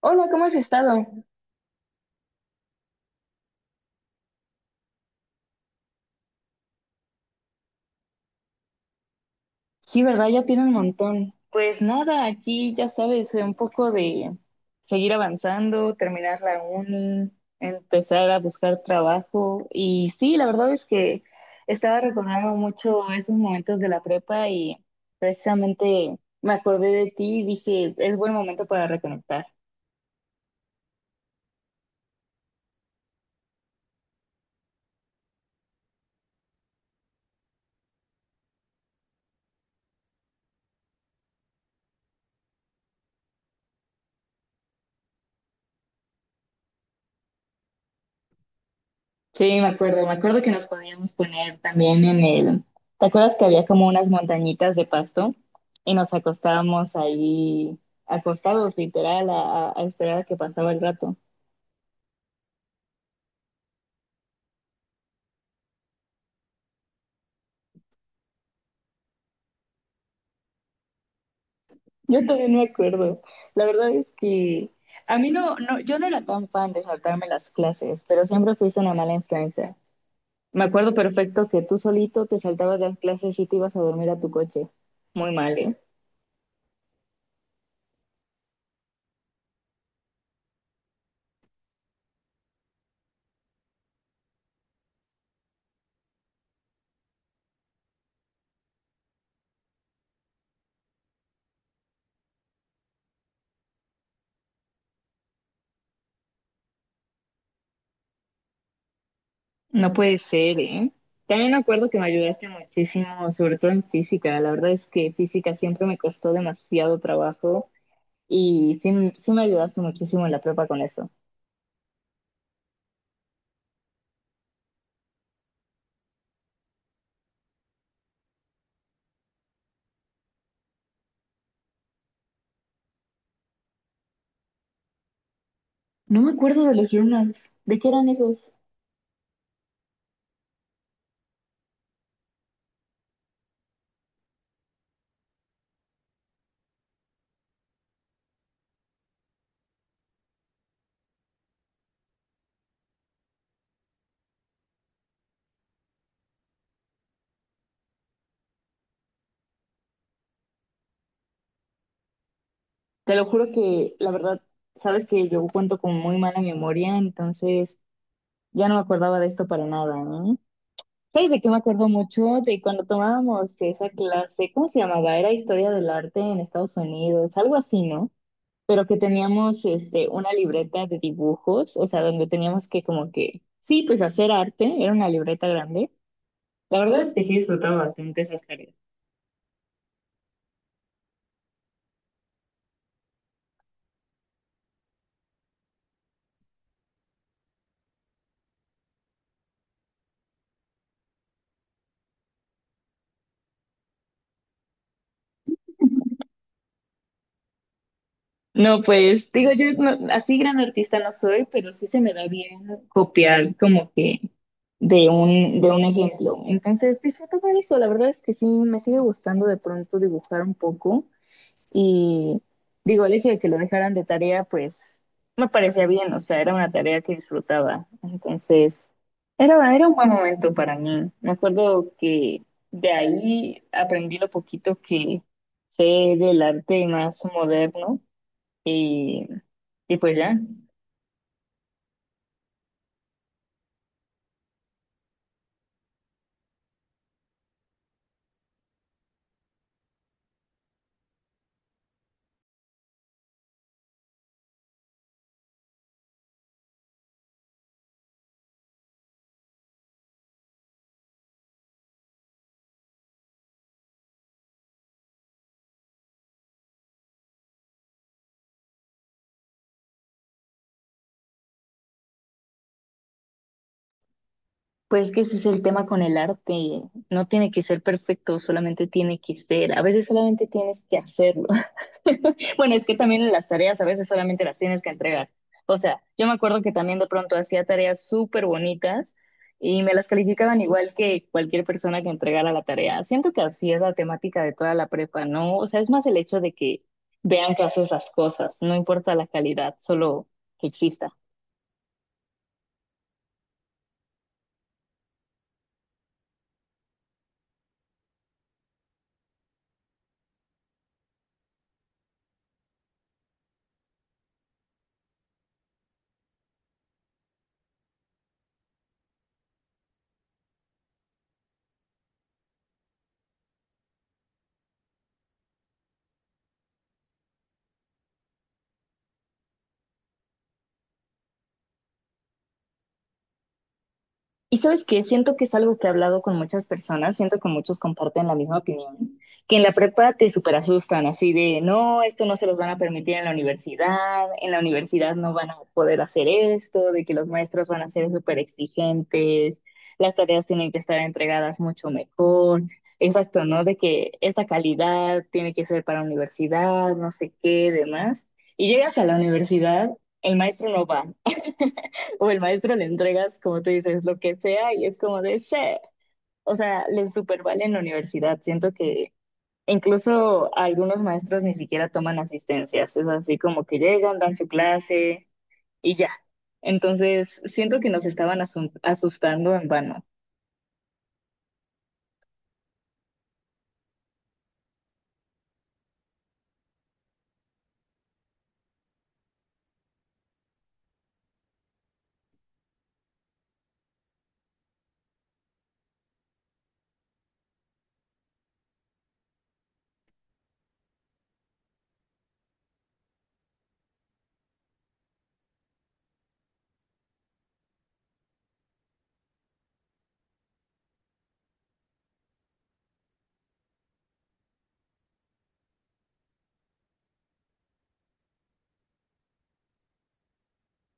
Hola, ¿cómo has estado? Sí, ¿verdad? Ya tiene un montón. Pues nada, aquí ya sabes, un poco de seguir avanzando, terminar la uni, empezar a buscar trabajo. Y sí, la verdad es que estaba recordando mucho esos momentos de la prepa y precisamente me acordé de ti y dije, es buen momento para reconectar. Sí, me acuerdo que nos podíamos poner también en el... ¿Te acuerdas que había como unas montañitas de pasto y nos acostábamos ahí, acostados literal, a esperar a que pasaba el rato? Yo también me acuerdo. La verdad es que a mí yo no era tan fan de saltarme las clases, pero siempre fuiste una mala influencia. Me acuerdo perfecto que tú solito te saltabas las clases y te ibas a dormir a tu coche. Muy mal, ¿eh? No puede ser, ¿eh? También me acuerdo que me ayudaste muchísimo, sobre todo en física. La verdad es que física siempre me costó demasiado trabajo y sí, sí me ayudaste muchísimo en la prepa con eso. No me acuerdo de los journals. ¿De qué eran esos? Te lo juro que, la verdad, sabes que yo cuento con muy mala memoria, entonces ya no me acordaba de esto para nada, ¿eh? ¿Sabes de qué me acuerdo mucho? De cuando tomábamos esa clase, ¿cómo se llamaba? Era historia del arte en Estados Unidos, algo así, ¿no? Pero que teníamos una libreta de dibujos, o sea, donde teníamos que como que, sí, pues hacer arte, era una libreta grande. La verdad es que sí disfrutaba bastante esas tareas. No, pues digo, yo no- así gran artista no soy, pero sí se me da bien copiar como que de un ejemplo. Entonces disfrutaba eso, la verdad es que sí, me sigue gustando de pronto dibujar un poco. Y digo, el hecho de que lo dejaran de tarea, pues no me parecía bien, o sea, era una tarea que disfrutaba. Entonces, era un buen momento para mí. Me acuerdo que de ahí aprendí lo poquito que sé del arte más moderno y, y pues ya. Pues que ese es el tema con el arte, no tiene que ser perfecto, solamente tiene que ser, a veces solamente tienes que hacerlo. Bueno, es que también las tareas a veces solamente las tienes que entregar. O sea, yo me acuerdo que también de pronto hacía tareas súper bonitas y me las calificaban igual que cualquier persona que entregara la tarea. Siento que así es la temática de toda la prepa, ¿no? O sea, es más el hecho de que vean que haces las cosas, no importa la calidad, solo que exista. Y sabes que siento que es algo que he hablado con muchas personas, siento que muchos comparten la misma opinión, que en la prepa te super asustan, así de, no, esto no se los van a permitir en la universidad no van a poder hacer esto, de que los maestros van a ser súper exigentes, las tareas tienen que estar entregadas mucho mejor, exacto, ¿no? De que esta calidad tiene que ser para universidad, no sé qué, demás. Y llegas a la universidad, el maestro no va. O el maestro le entregas, como tú dices, lo que sea y es como de, sé, o sea, les super vale en la universidad. Siento que incluso algunos maestros ni siquiera toman asistencias, es así como que llegan, dan su clase y ya. Entonces, siento que nos estaban asustando en vano.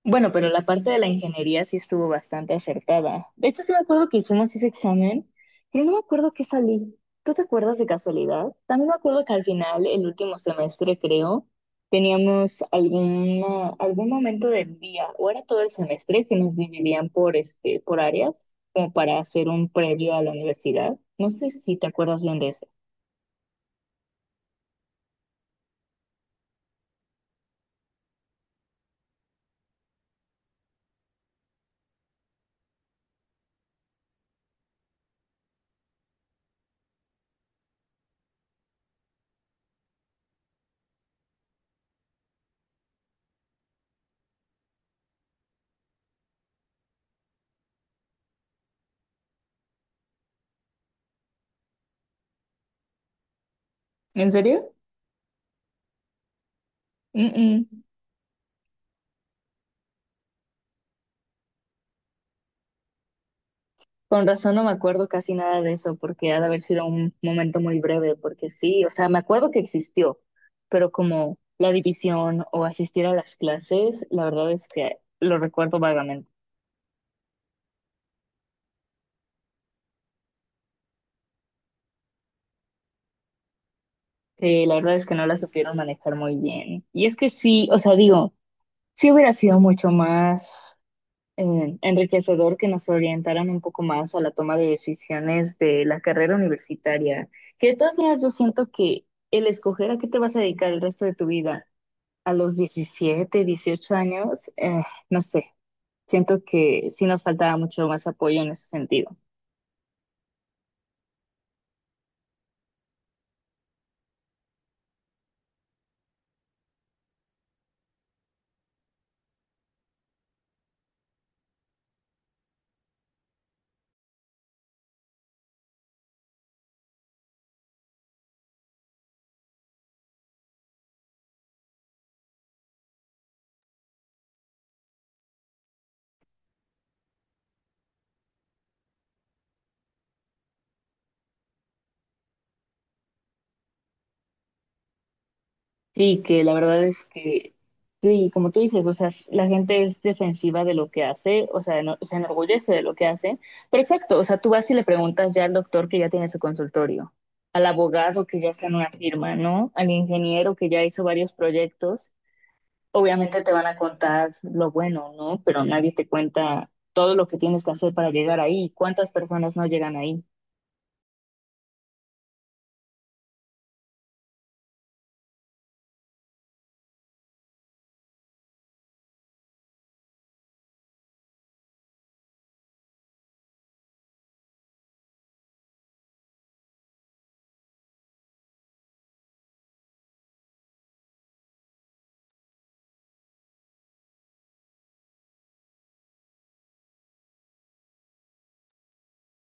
Bueno, pero la parte de la ingeniería sí estuvo bastante acertada. De hecho, sí me acuerdo que hicimos ese examen, pero no me acuerdo qué salí. ¿Tú te acuerdas de casualidad? También me acuerdo que al final, el último semestre, creo, teníamos algún momento del día, o era todo el semestre, que nos dividían por, por áreas, como para hacer un previo a la universidad. No sé si te acuerdas bien de eso. ¿En serio? Mm, mm. Con razón no me acuerdo casi nada de eso, porque ha de haber sido un momento muy breve, porque sí, o sea, me acuerdo que existió, pero como la división o asistir a las clases, la verdad es que lo recuerdo vagamente, que la verdad es que no la supieron manejar muy bien. Y es que sí, o sea, digo, sí hubiera sido mucho más enriquecedor que nos orientaran un poco más a la toma de decisiones de la carrera universitaria, que de todas maneras yo siento que el escoger a qué te vas a dedicar el resto de tu vida, a los 17, 18 años, no sé, siento que sí nos faltaba mucho más apoyo en ese sentido. Sí, que la verdad es que, sí, como tú dices, o sea, la gente es defensiva de lo que hace, o sea, se enorgullece de lo que hace, pero exacto, o sea, tú vas y le preguntas ya al doctor que ya tiene su consultorio, al abogado que ya está en una firma, ¿no? Al ingeniero que ya hizo varios proyectos. Obviamente te van a contar lo bueno, ¿no? Pero nadie te cuenta todo lo que tienes que hacer para llegar ahí. ¿Cuántas personas no llegan ahí?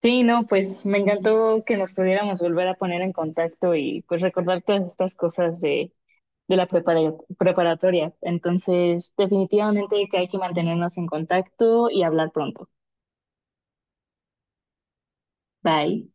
Sí, no, pues me encantó que nos pudiéramos volver a poner en contacto y pues recordar todas estas cosas de, de la preparatoria. Entonces, definitivamente que hay que mantenernos en contacto y hablar pronto. Bye.